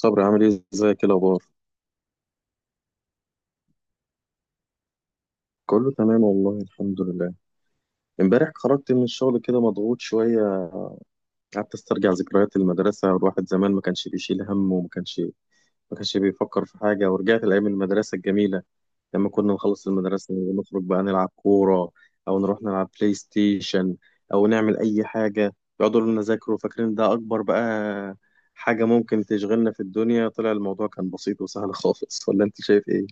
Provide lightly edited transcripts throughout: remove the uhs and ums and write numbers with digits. صبري، عامل ايه؟ ازيك؟ إيه الاخبار؟ كله تمام والله، الحمد لله. امبارح خرجت من الشغل كده مضغوط شويه، قعدت استرجع ذكريات المدرسه. الواحد زمان ما كانش بيشيل هم وما كانش ما كانش بيفكر في حاجه، ورجعت لايام المدرسه الجميله لما كنا نخلص المدرسه ونخرج بقى نلعب كوره او نروح نلعب بلاي ستيشن او نعمل اي حاجه. يقعدوا يقولوا لنا ذاكروا، فاكرين ده اكبر بقى حاجه ممكن تشغلنا في الدنيا، طلع الموضوع كان بسيط وسهل خالص. ولا انت شايف ايه؟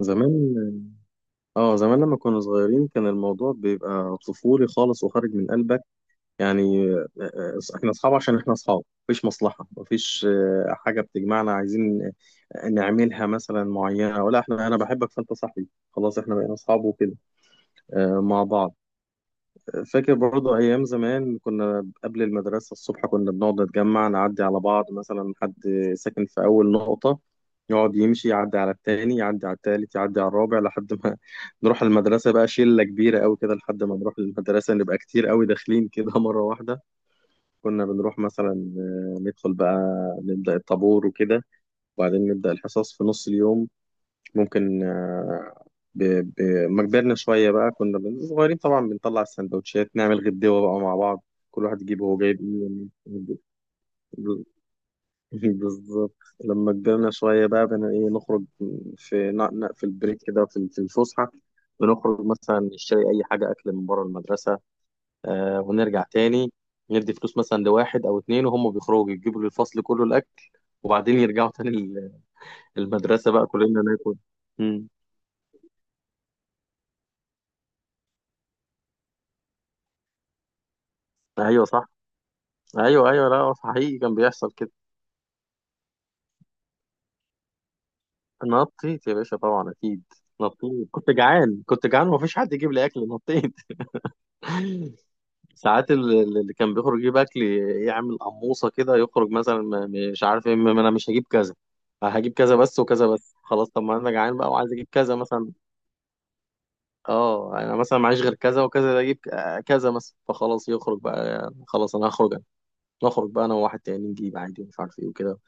زمان، اه زمان لما كنا صغيرين كان الموضوع بيبقى طفولي خالص وخارج من قلبك. يعني احنا اصحاب عشان احنا اصحاب، مفيش مصلحة، مفيش حاجة بتجمعنا، عايزين نعملها مثلا معينة. ولا احنا انا بحبك فانت صاحبي، خلاص احنا بقينا اصحاب وكده مع بعض. فاكر برضو أيام زمان كنا قبل المدرسة الصبح كنا بنقعد نتجمع، نعدي على بعض، مثلا حد ساكن في أول نقطة يقعد يمشي يعدي على التاني، يعدي على التالت، يعدي على الرابع، لحد ما نروح المدرسة بقى شلة كبيرة أوي كده. لحد ما نروح المدرسة نبقى كتير أوي داخلين كده مرة واحدة. كنا بنروح مثلا، ندخل بقى، نبدأ الطابور وكده، وبعدين نبدأ الحصص في نص اليوم. ممكن ب... ب... ما كبرنا شوية بقى كنا صغيرين طبعا، بنطلع السندوتشات نعمل غدوة بقى مع بعض، كل واحد يجيب هو جايب ايه. يعني. بالظبط. لما كبرنا شوية بقى بنا ايه، نخرج في في البريك كده، في الفسحة، بنخرج مثلا نشتري أي حاجة أكل من بره المدرسة، آه، ونرجع تاني. ندي فلوس مثلا لواحد أو اتنين وهم بيخرجوا يجيبوا للفصل كله الأكل، وبعدين يرجعوا تاني المدرسة بقى كلنا ناكل. مم. أيوه صح، ايوه ايوه، لا هو حقيقي كان بيحصل كده. نطيت يا باشا طبعا، اكيد نطيت. كنت جعان، كنت جعان ومفيش حد يجيب لي اكل، نطيت. ساعات اللي كان بيخرج يجيب اكل يعمل قموصه كده، يخرج مثلا، مش عارف ايه، انا مش هجيب كذا، هجيب كذا بس وكذا بس خلاص. طب ما انا جعان بقى وعايز اجيب كذا مثلا. اه انا مثلا معيش غير كذا وكذا، ده اجيب كذا مثلا، فخلاص يخرج بقى، خلاص انا هخرج انا. نخرج بقى انا وواحد تاني، نجيب عادي ومش عارف ايه وكده.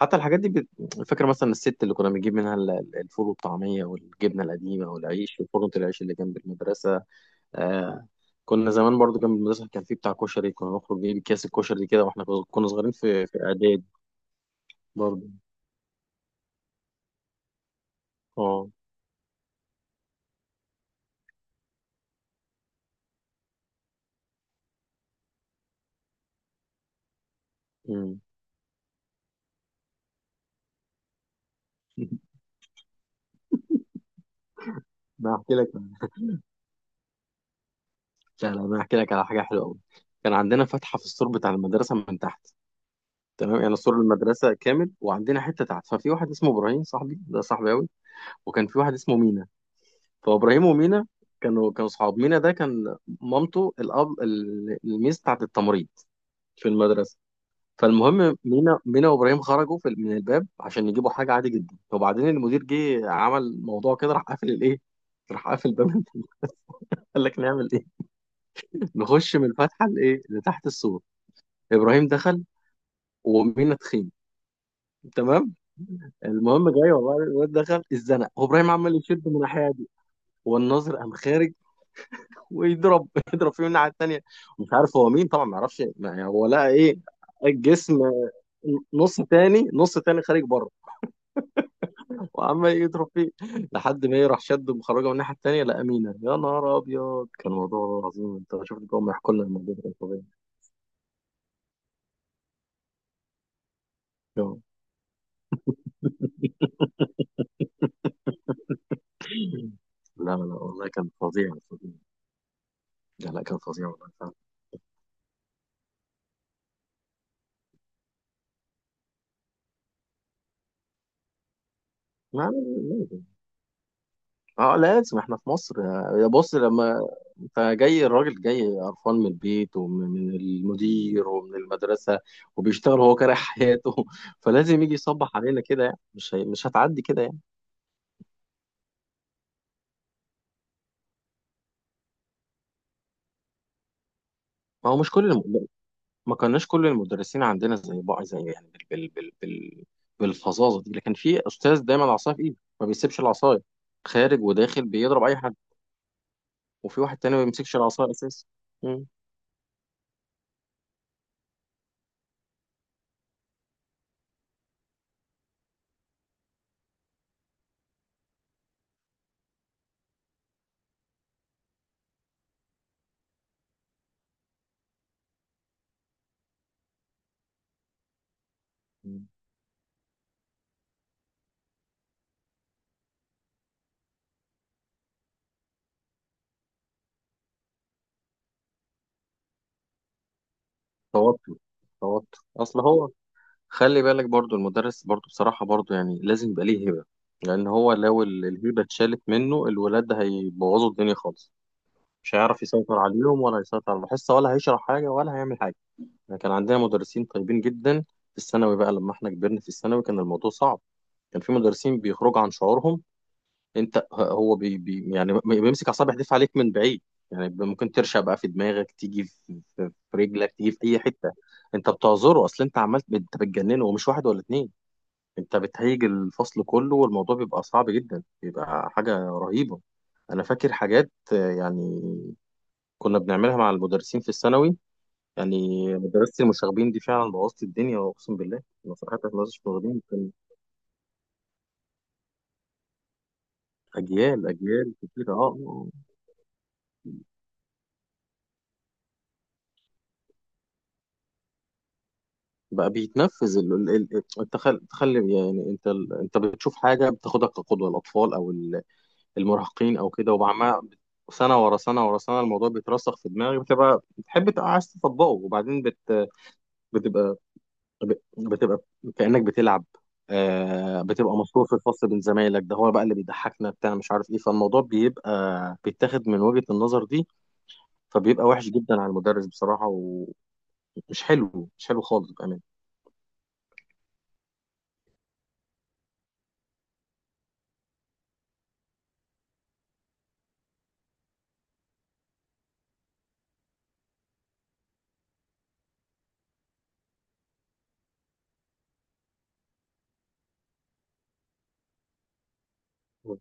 حتى الحاجات دي فاكر مثلا الست اللي كنا بنجيب منها الفول والطعمية والجبنة القديمة والعيش، وفرن العيش اللي جنب المدرسة. آه، كنا زمان برضو جنب المدرسة كان في بتاع كشري، كنا نخرج نجيب اكياس الكشري كده واحنا كنا صغيرين في إعداد. برضو، اه. أمم. انا هحكي لك. لا لا، انا هحكي لك على حاجه حلوه قوي. كان عندنا فتحه في السور بتاع المدرسه من تحت. تمام، يعني سور المدرسه كامل وعندنا حته تحت. ففي واحد اسمه ابراهيم، صاحبي، ده صاحبي قوي. وكان في واحد اسمه مينا، فابراهيم ومينا كانوا صحاب. مينا ده كان مامته الاب الميس بتاعت التمريض في المدرسه. فالمهم مينا وابراهيم خرجوا في من الباب عشان يجيبوا حاجه، عادي جدا. وبعدين المدير جه، عمل موضوع كده، راح قافل الايه، راح قافل باب قال لك نعمل ايه. نخش من الفتحه لايه، لتحت السور. ابراهيم دخل، ومينا تخين. تمام. المهم جاي والله، الواد دخل اتزنق، وابراهيم عمال يشد من الناحيه دي، والناظر قام خارج ويضرب يضرب فيه من الناحيه التانيه. مش عارف هو مين طبعا، ما يعرفش يعني هو لقى ايه، الجسم، نص تاني، نص تاني خارج بره، وعمال يضرب فيه، لحد ما يروح شد مخرجه من الناحيه التانيه لقى مينا. يا نهار ابيض، كان موضوع عظيم. انت شفت بقى هم يحكوا لنا الموضوع ده، كان فظيع. آه. لا لا لا، والله كان فظيع فظيع. لا لا، كان فظيع والله فعلا. ما- اه لازم، احنا في مصر. يا بص، لما انت جاي، الراجل جاي قرفان من البيت ومن المدير ومن المدرسة، وبيشتغل هو كاره حياته، فلازم يجي يصبح علينا كده يعني. مش هتعدي كده يعني. ما هو مش كل ما كناش كل المدرسين عندنا زي بعض، زي يعني بالفظاظة دي، لكن في استاذ دايما العصاية في ايده، ما بيسيبش العصاية، خارج وداخل بيضرب اي حد. وفي واحد تاني ما بيمسكش العصاية اساسا. مم. توتر. توتر، اصل هو، خلي بالك برضو، المدرس برضو بصراحة برضو يعني لازم يبقى ليه هبة، لأن هو لو الهبة اتشالت منه الولاد ده هيبوظوا الدنيا خالص، مش هيعرف يسيطر عليهم ولا هيسيطر على الحصة، ولا هيشرح حاجة ولا هيعمل حاجة. احنا كان عندنا مدرسين طيبين جدا. في الثانوي بقى لما احنا كبرنا في الثانوي كان الموضوع صعب، كان في مدرسين بيخرجوا عن شعورهم. انت هو بي يعني بيمسك أعصاب، يحدف عليك من بعيد. يعني ممكن ترشق بقى في دماغك، تيجي في في رجلك، تيجي في أي حتة. انت بتعذره، اصل انت عملت، انت بتجننه، ومش واحد ولا اتنين، انت بتهيج الفصل كله، والموضوع بيبقى صعب جدا، بيبقى حاجة رهيبة. انا فاكر حاجات يعني كنا بنعملها مع المدرسين في الثانوي. يعني مدرسة المشاغبين دي فعلا بوظت الدنيا، اقسم بالله، انا صراحة في مدرسة المشاغبين كان اجيال، اجيال كتيرة. اه آه. بقى بيتنفذ انت تخلي يعني، انت انت بتشوف حاجة بتاخدها كقدوة، الاطفال او المراهقين او كده، وبعمها سنة ورا سنة ورا سنة، الموضوع بيترسخ في دماغي، بتبقى بتحب، تبقى عايز تطبقه، وبعدين بتبقى بتبقى كأنك بتلعب. آه بتبقى مشهور في الفصل بين زمايلك، ده هو بقى اللي بيضحكنا بتاع مش عارف ايه، فالموضوع بيبقى بيتاخد من وجهة النظر دي. فبيبقى وحش جدا على المدرس بصراحة، ومش حلو، مش حلو خالص، بأمانة. مم.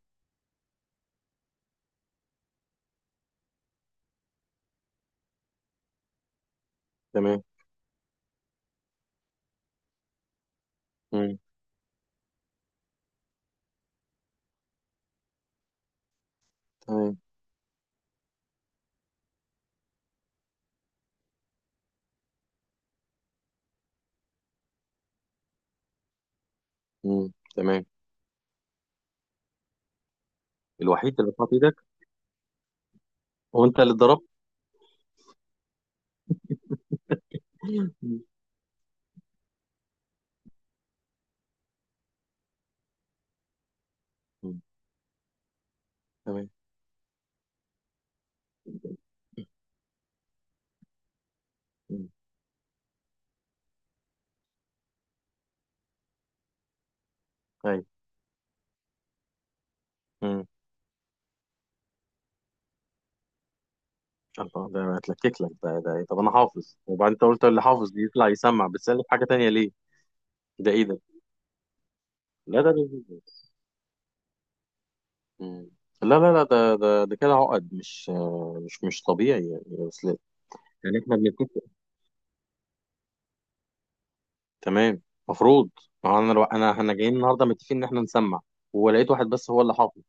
تمام. مم. تمام. مم. تمام. الوحيد اللي حاطط ايدك. هو انت اللي اتضربت. مم. مم. تمام. مم. ايوه. مم. الله، ده اتلكك لك ده، ده إيه؟ طب انا حافظ، وبعدين انت قلت اللي حافظ دي يطلع يسمع، بتسألني في حاجة تانية ليه؟ ده ايه ده؟ لا مم. لا لا لا، ده كده عقد، مش مش طبيعي يعني اصل. يعني احنا بنتفق، تمام، مفروض. ما هو انا لو، انا احنا جايين النهارده متفقين ان احنا نسمع، ولقيت واحد بس هو اللي حاطط،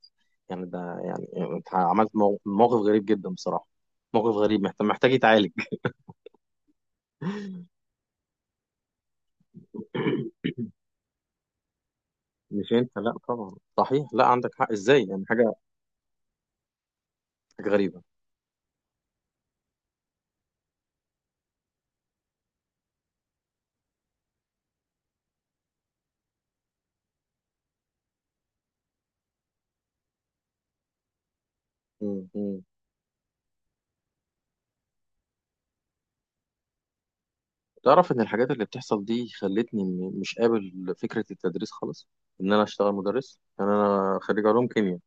يعني ده يعني، انت عملت موقف غريب جدا بصراحه، موقف غريب، محتاج يتعالج. مش انت، لا طبعا، صحيح، لا عندك حق، ازاي يعني، حاجه، حاجه غريبه. مم. تعرف إن الحاجات اللي بتحصل دي خلتني، مش قابل فكرة التدريس خالص، إن أنا أشتغل مدرس. يعني أنا خريج علوم كيمياء،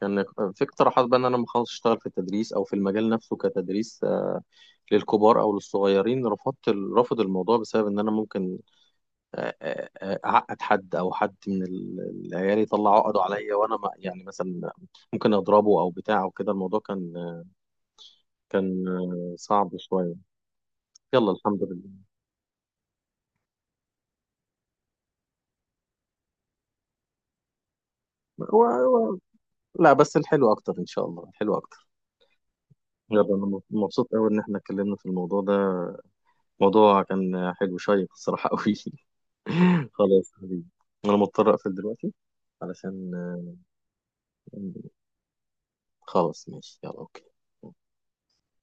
كان في اقتراحات بقى إن أنا لما أخلص أشتغل في التدريس أو في المجال نفسه كتدريس للكبار أو للصغيرين. رفضت رافض الموضوع بسبب إن أنا ممكن أعقد حد، أو حد من العيال يطلع عقده عليا، وأنا يعني مثلا ممكن أضربه أو بتاع أو كده. الموضوع كان، كان صعب شوية. يلا الحمد لله. لا بس الحلو اكتر ان شاء الله، الحلو اكتر. يلا انا مبسوط قوي ان احنا اتكلمنا في الموضوع ده، موضوع كان حلو، شيق الصراحه قوي. خلاص يا حبيبي، انا مضطر اقفل دلوقتي علشان، خلاص ماشي، يلا اوكي.